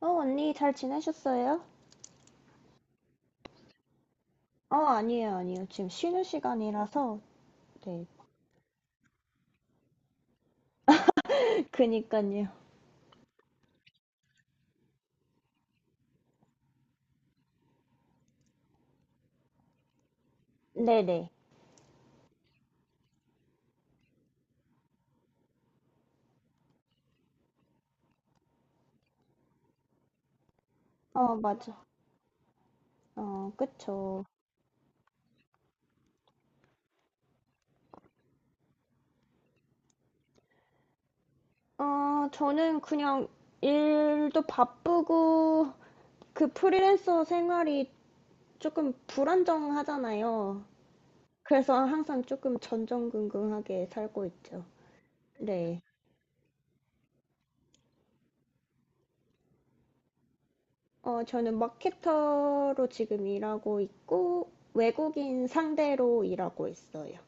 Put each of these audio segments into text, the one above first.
언니 잘 지내셨어요? 아니에요, 아니에요. 지금 쉬는 시간이라서. 네. 그니까요. 네네. 맞아. 그쵸. 저는 그냥 일도 바쁘고, 그 프리랜서 생활이 조금 불안정하잖아요. 그래서 항상 조금 전전긍긍하게 살고 있죠. 네. 저는 마케터로 지금 일하고 있고, 외국인 상대로 일하고 있어요.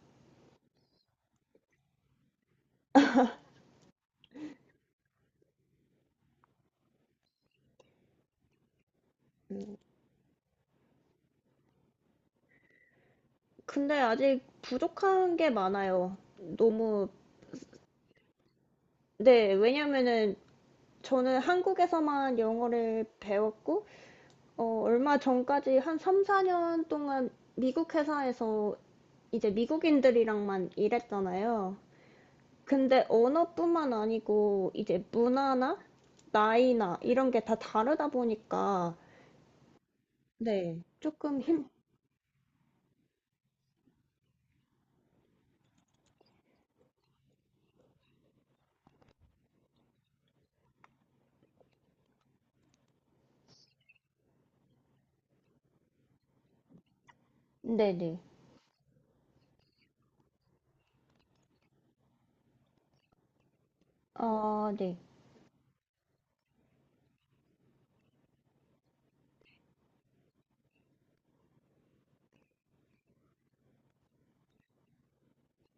근데 아직 부족한 게 많아요. 너무, 네, 왜냐면은 저는 한국에서만 영어를 배웠고, 얼마 전까지 한 3, 4년 동안 미국 회사에서 이제 미국인들이랑만 일했잖아요. 근데 언어뿐만 아니고 이제 문화나 나이나 이런 게 다 다르다 보니까, 네, 조금 힘, 네네. 아, 네.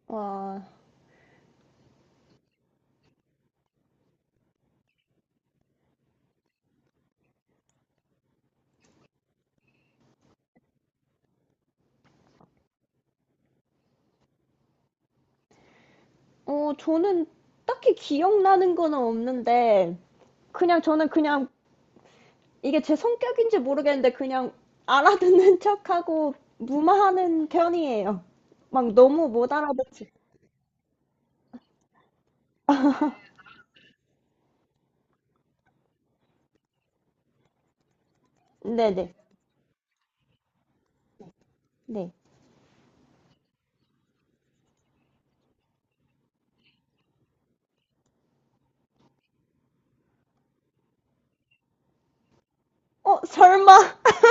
와, 저는 딱히 기억나는 거는 없는데, 그냥 저는 그냥 이게 제 성격인지 모르겠는데, 그냥 알아듣는 척하고 무마하는 편이에요. 막 너무 못 알아듣지. 네네. 네. 설마?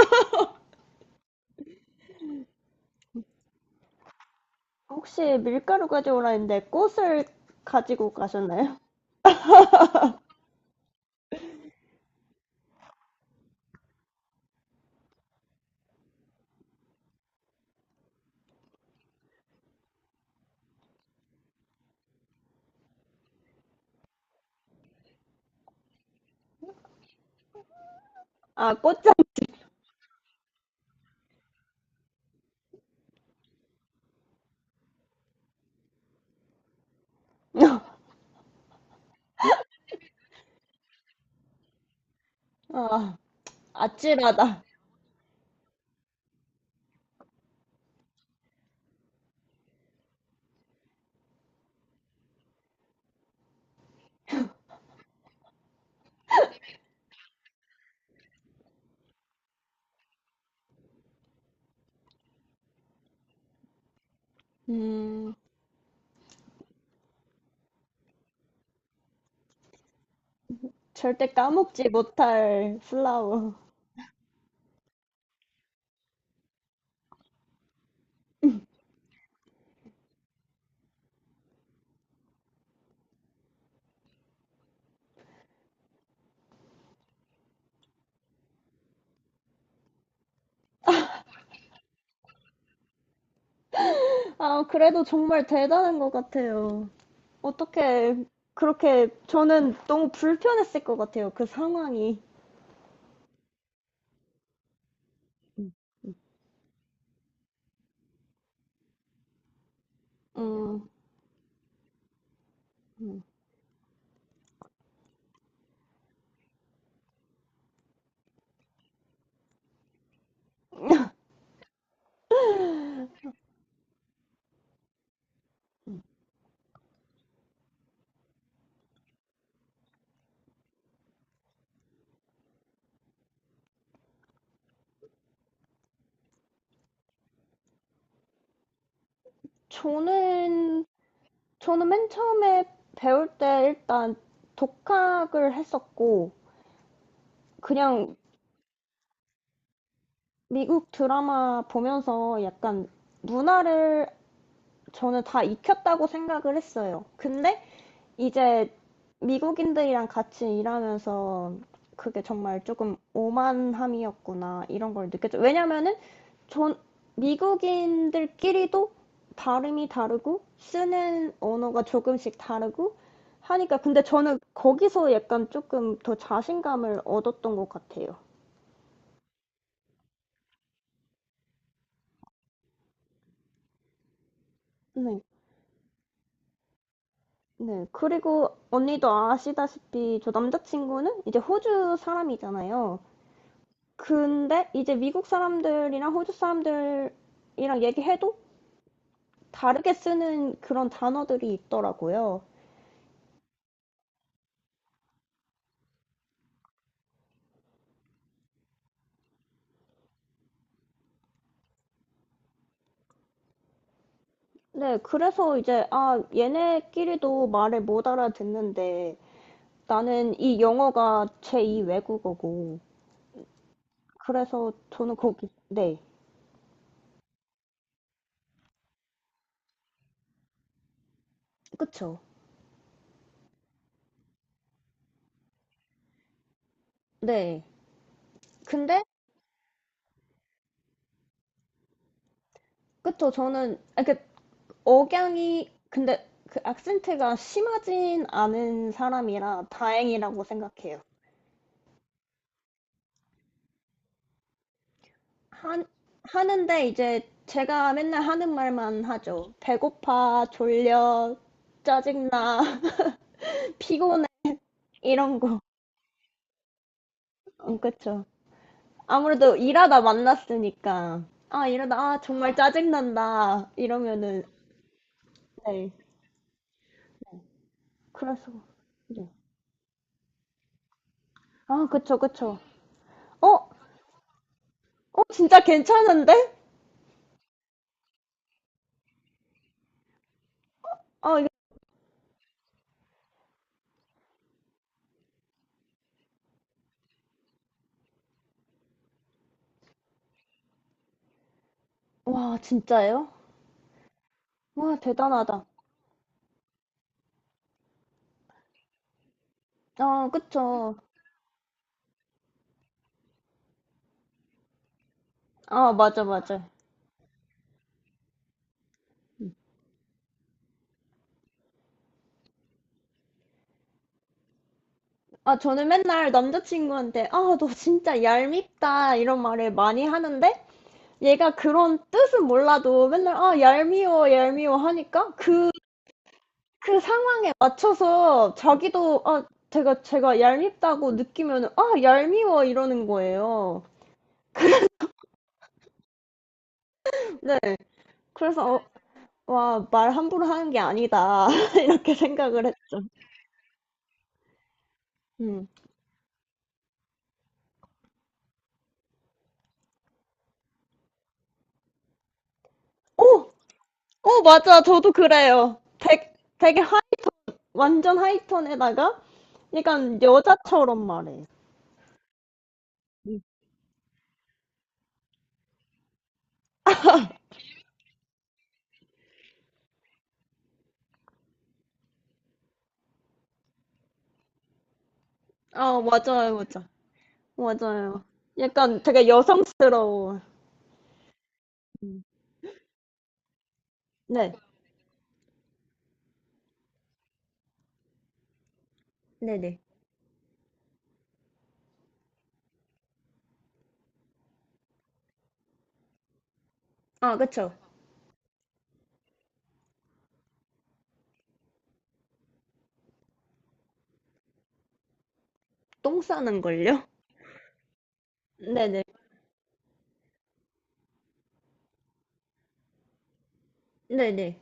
혹시 밀가루 가져오라 했는데, 꽃을 가지고 가셨나요? 아, 꽃장. 아, 아찔하다. 음, 절대 까먹지 못할 플라워. 아, 그래도 정말 대단한 것 같아요. 어떻게 그렇게 저는 너무 불편했을 것 같아요. 그 상황이. 음, 저는 저는 맨 처음에 배울 때 일단 독학을 했었고 그냥 미국 드라마 보면서 약간 문화를 저는 다 익혔다고 생각을 했어요. 근데 이제 미국인들이랑 같이 일하면서 그게 정말 조금 오만함이었구나 이런 걸 느꼈죠. 왜냐면은 전 미국인들끼리도 발음이 다르고 쓰는 언어가 조금씩 다르고 하니까 근데 저는 거기서 약간 조금 더 자신감을 얻었던 것 같아요. 네. 네. 그리고 언니도 아시다시피 저 남자친구는 이제 호주 사람이잖아요. 근데 이제 미국 사람들이랑 호주 사람들이랑 얘기해도 다르게 쓰는 그런 단어들이 있더라고요. 네, 그래서 이제, 아, 얘네끼리도 말을 못 알아듣는데 나는 이 영어가 제2 외국어고. 그래서 저는 거기, 네, 그쵸. 네. 근데, 그쵸, 저는, 아, 그, 억양이, 근데 그 악센트가 심하진 않은 사람이라 다행이라고 생각해요. 하, 하는데 이제 제가 맨날 하는 말만 하죠. 배고파, 졸려, 짜증나, 피곤해 이런 거. 그쵸. 아무래도 일하다 만났으니까 아 이러다 아 정말 짜증난다 이러면은 네 그래서 네. 아 그쵸 그쵸. 어? 진짜 괜찮은데? 아 이거 와 진짜예요? 와 대단하다. 아 그쵸. 아 맞아 맞아. 아, 저는 맨날 남자친구한테, 아, 너 진짜 얄밉다, 이런 말을 많이 하는데, 얘가 그런 뜻은 몰라도 맨날, 아, 얄미워, 얄미워 하니까, 그 상황에 맞춰서 자기도, 아, 제가 얄밉다고 느끼면, 아, 얄미워, 이러는 거예요. 네. 그래서, 와, 말 함부로 하는 게 아니다. 이렇게 생각을 했죠. 음. 오! 오, 맞아. 저도 그래요. 되게 완전 하이톤에다가 약간 여자처럼 말해. 아, 맞아요, 맞아. 맞아요. 약간 되게 여성스러워. 네. 네네. 아, 그쵸. 똥 싸는 걸요? 네네. 네네.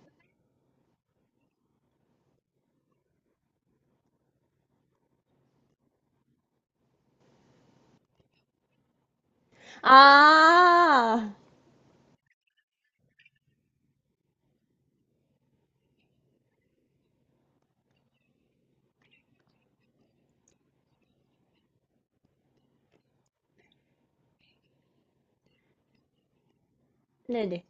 아, 네네.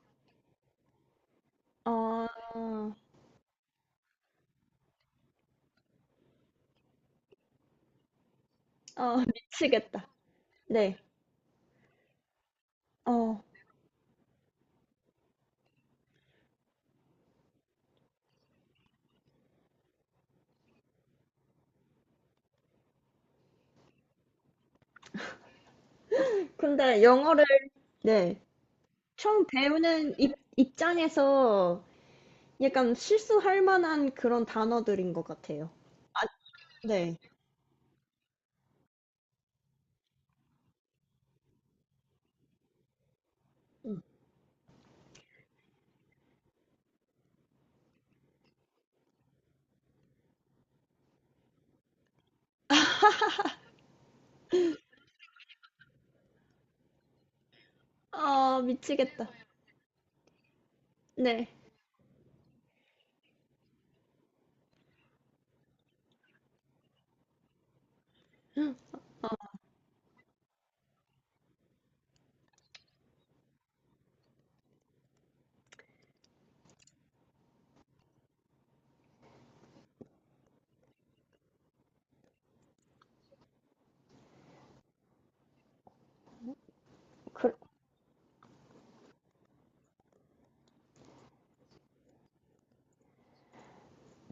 아아아아아아 아 미치겠다. 네. 어, 근데 영어를 네. 처음 배우는 입장에서 약간 실수할 만한 그런 단어들인 것 같아요. 아, 네. 아, 미치겠다. 네. 그,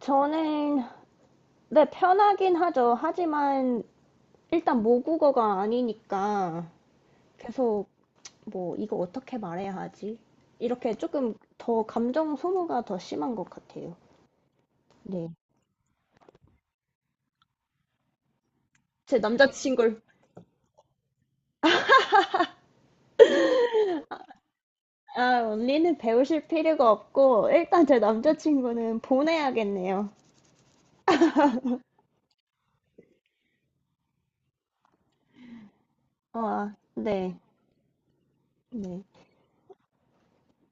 저는, 네, 편하긴 하죠. 하지만, 일단 모국어가 아니니까, 계속, 뭐, 이거 어떻게 말해야 하지? 이렇게 조금 더 감정 소모가 더 심한 것 같아요. 네. 제 남자친구를. 아, 언니는 배우실 필요가 없고, 일단 제 남자친구는 보내야겠네요. 아, 네. 네.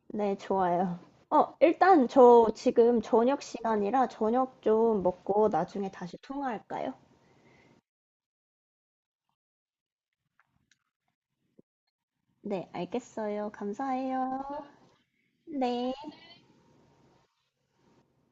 네, 좋아요. 일단 저 지금 저녁 시간이라 저녁 좀 먹고 나중에 다시 통화할까요? 네, 알겠어요. 감사해요. 네.